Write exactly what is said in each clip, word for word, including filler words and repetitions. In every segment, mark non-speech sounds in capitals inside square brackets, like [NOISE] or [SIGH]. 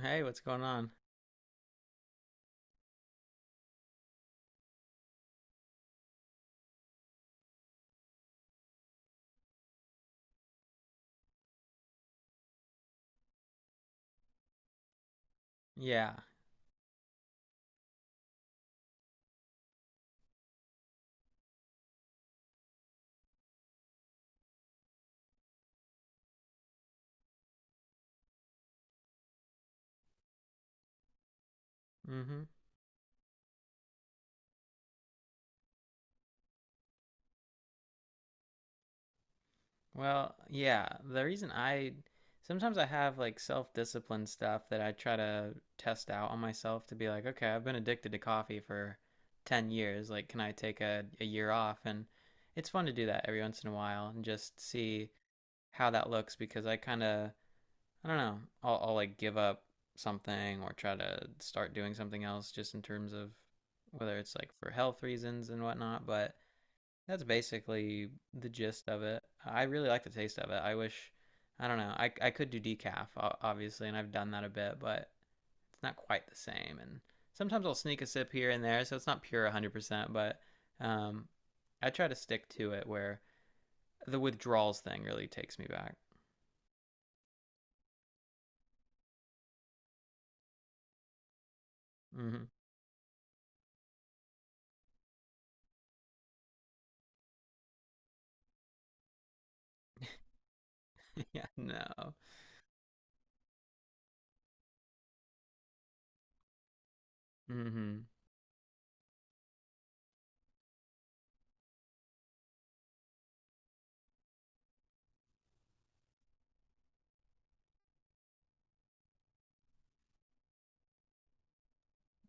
Hey, what's going on? Yeah. Mm-hmm. Well, yeah. The reason I sometimes I have like self-discipline stuff that I try to test out on myself to be like, okay, I've been addicted to coffee for ten years. Like, can I take a, a year off? And it's fun to do that every once in a while and just see how that looks because I kind of, I don't know, I'll, I'll like give up something or try to start doing something else just in terms of whether it's like for health reasons and whatnot. But that's basically the gist of it. I really like the taste of it. I wish, I don't know, I, I could do decaf, obviously, and I've done that a bit, but it's not quite the same. And sometimes I'll sneak a sip here and there, so it's not pure one hundred percent, but um, I try to stick to it where the withdrawals thing really takes me back. Hmm. [LAUGHS] Yeah, no. Hmm.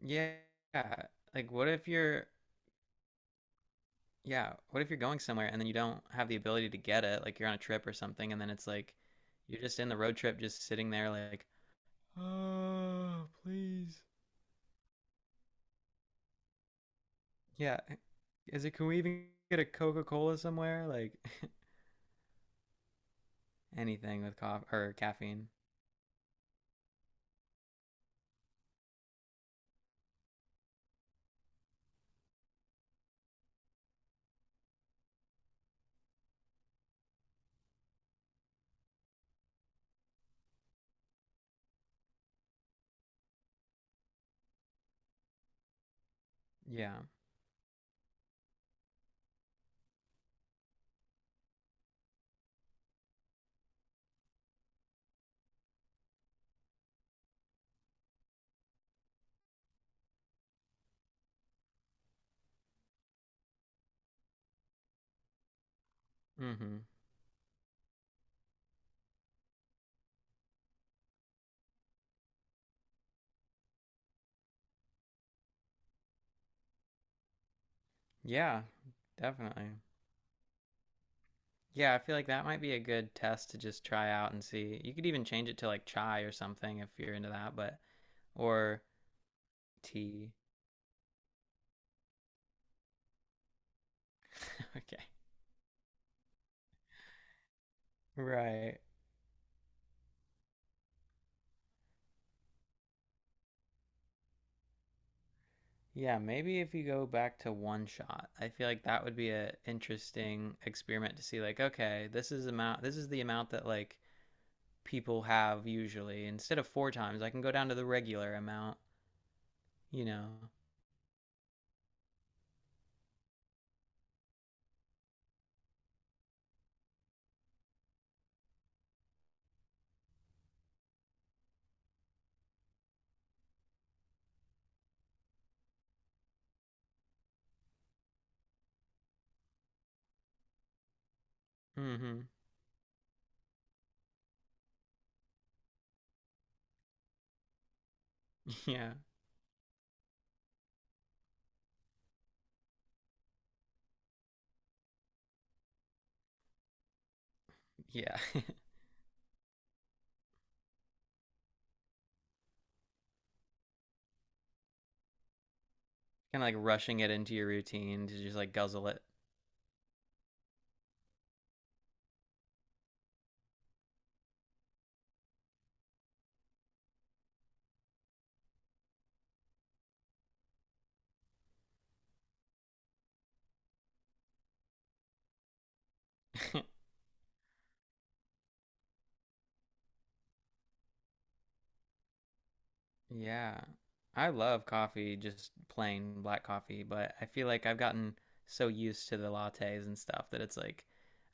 Yeah. Like, what if you're Yeah. what if you're going somewhere and then you don't have the ability to get it? Like you're on a trip or something, and then it's like you're just in the road trip, just sitting there, like, oh, please. Yeah, is it? Can we even get a Coca Cola somewhere? Like [LAUGHS] anything with coffee or caffeine. Yeah. Mm-hmm. Yeah. Definitely. Yeah. I feel like that might be a good test to just try out and see. You could even change it to like chai or something if you're into that, but or tea. [LAUGHS] Okay. Right. Yeah, maybe if you go back to one shot, I feel like that would be a interesting experiment to see like, okay, this is amount this is the amount that like people have usually. Instead of four times, I can go down to the regular amount, you know. Mhm. Yeah. Yeah. [LAUGHS] Kind of like rushing it into your routine to just like guzzle it. [LAUGHS] Yeah. I love coffee, just plain black coffee, but I feel like I've gotten so used to the lattes and stuff that it's like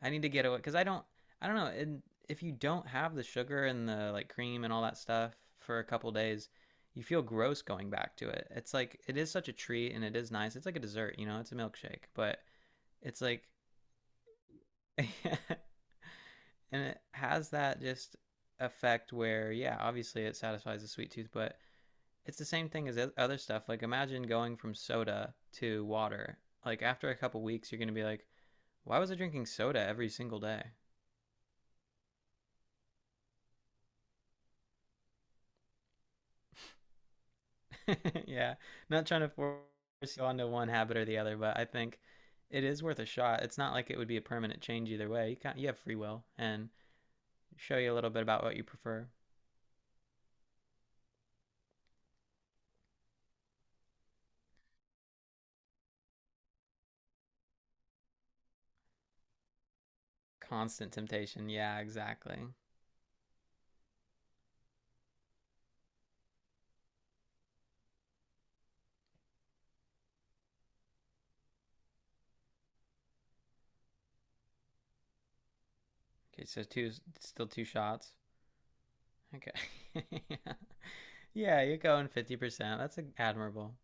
I need to get away because I don't I don't know, and if you don't have the sugar and the like cream and all that stuff for a couple days, you feel gross going back to it. It's like it is such a treat and it is nice. It's like a dessert, you know, it's a milkshake, but it's like [LAUGHS] and it has that just effect where yeah, obviously it satisfies the sweet tooth, but it's the same thing as other stuff. Like imagine going from soda to water. Like after a couple weeks, you're gonna be like, why was I drinking soda every single day? [LAUGHS] Yeah, not trying to force you onto one habit or the other, but I think it is worth a shot. It's not like it would be a permanent change either way. You can you have free will and show you a little bit about what you prefer. Constant temptation. Yeah, exactly. Okay, so two still two shots. Okay. [LAUGHS] Yeah, you're going fifty percent. That's admirable.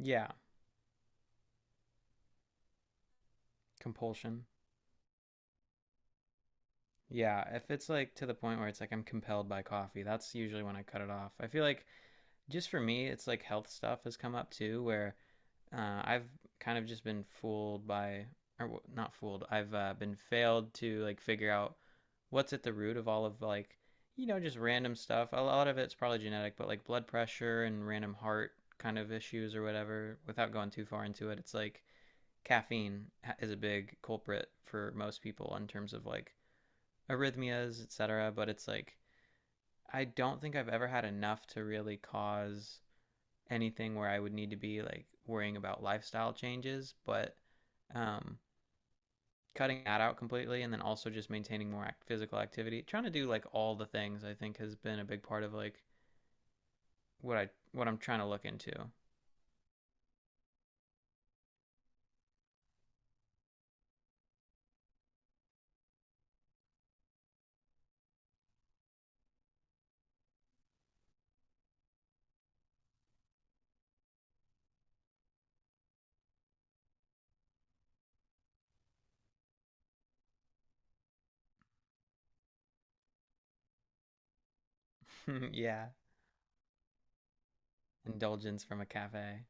Yeah. Compulsion. Yeah, if it's like to the point where it's like I'm compelled by coffee, that's usually when I cut it off. I feel like just for me, it's like health stuff has come up too, where uh, I've kind of just been fooled by, or not fooled, I've uh, been failed to like figure out what's at the root of all of like, you know, just random stuff. A lot of it's probably genetic, but like blood pressure and random heart kind of issues or whatever, without going too far into it, it's like caffeine is a big culprit for most people in terms of like arrhythmias, et cetera. But it's like I don't think I've ever had enough to really cause anything where I would need to be like worrying about lifestyle changes. But um, cutting that out completely, and then also just maintaining more act- physical activity, trying to do like all the things, I think has been a big part of like what I what I'm trying to look into. [LAUGHS] Yeah, indulgence from a cafe.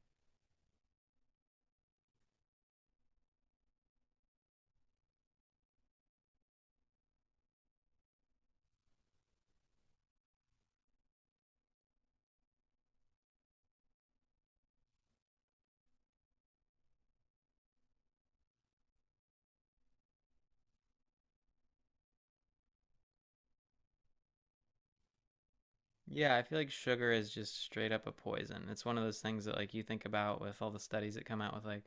Yeah, I feel like sugar is just straight up a poison. It's one of those things that like you think about with all the studies that come out with like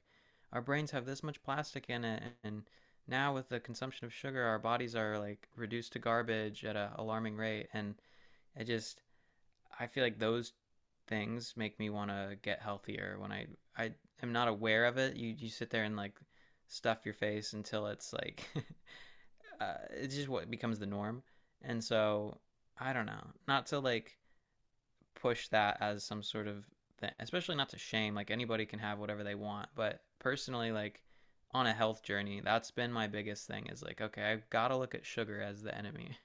our brains have this much plastic in it and now with the consumption of sugar our bodies are like reduced to garbage at an alarming rate and I just I feel like those things make me want to get healthier when I I am not aware of it. You you sit there and like stuff your face until it's like [LAUGHS] uh, it's just what becomes the norm. And so I don't know. Not to like push that as some sort of thing, especially not to shame. Like anybody can have whatever they want, but personally, like on a health journey, that's been my biggest thing. Is like, okay, I've got to look at sugar as the enemy.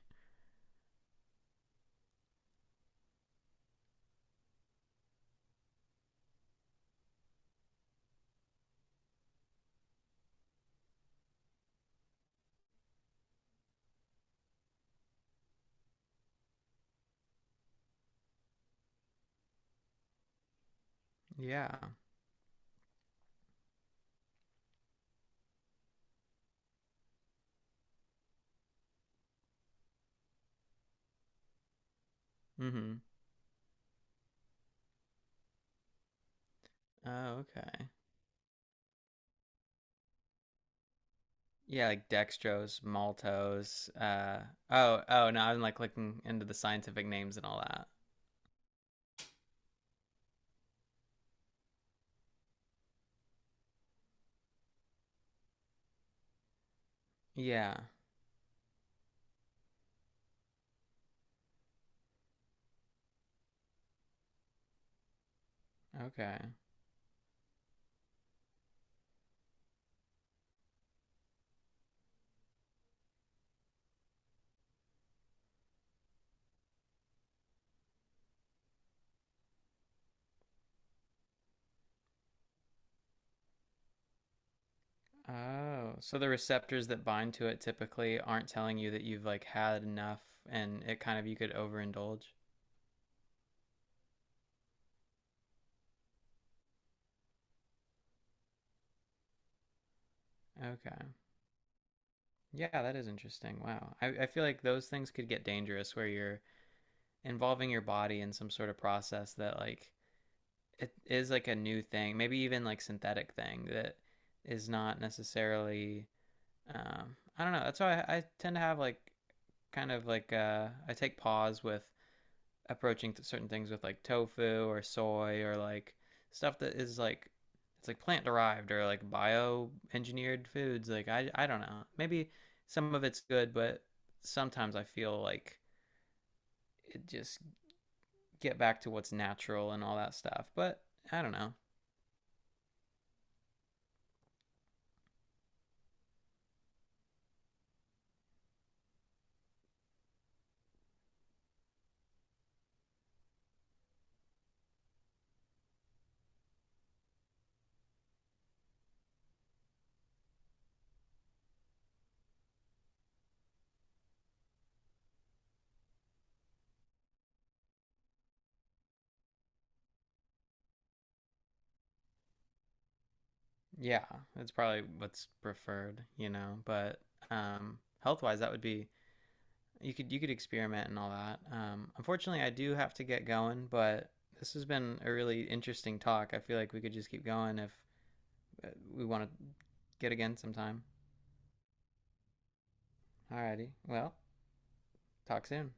Yeah. Mm-hmm. Oh, okay. Yeah, like dextrose, maltose. Uh, oh, oh, no, I'm like looking into the scientific names and all that. Yeah. Okay. Oh, so the receptors that bind to it typically aren't telling you that you've like had enough, and it kind of you could overindulge. Okay. Yeah, that is interesting. Wow. I, I feel like those things could get dangerous where you're involving your body in some sort of process that like it is like a new thing, maybe even like synthetic thing that is not necessarily um I don't know. That's why I, I tend to have like kind of like uh I take pause with approaching certain things with like tofu or soy or like stuff that is like it's like plant derived or like bio engineered foods like I, I don't know maybe some of it's good but sometimes I feel like it just get back to what's natural and all that stuff but I don't know yeah it's probably what's preferred you know but um health wise that would be you could you could experiment and all that. Um, unfortunately, I do have to get going, but this has been a really interesting talk. I feel like we could just keep going if uh, we want to get again sometime. Alrighty, well, talk soon.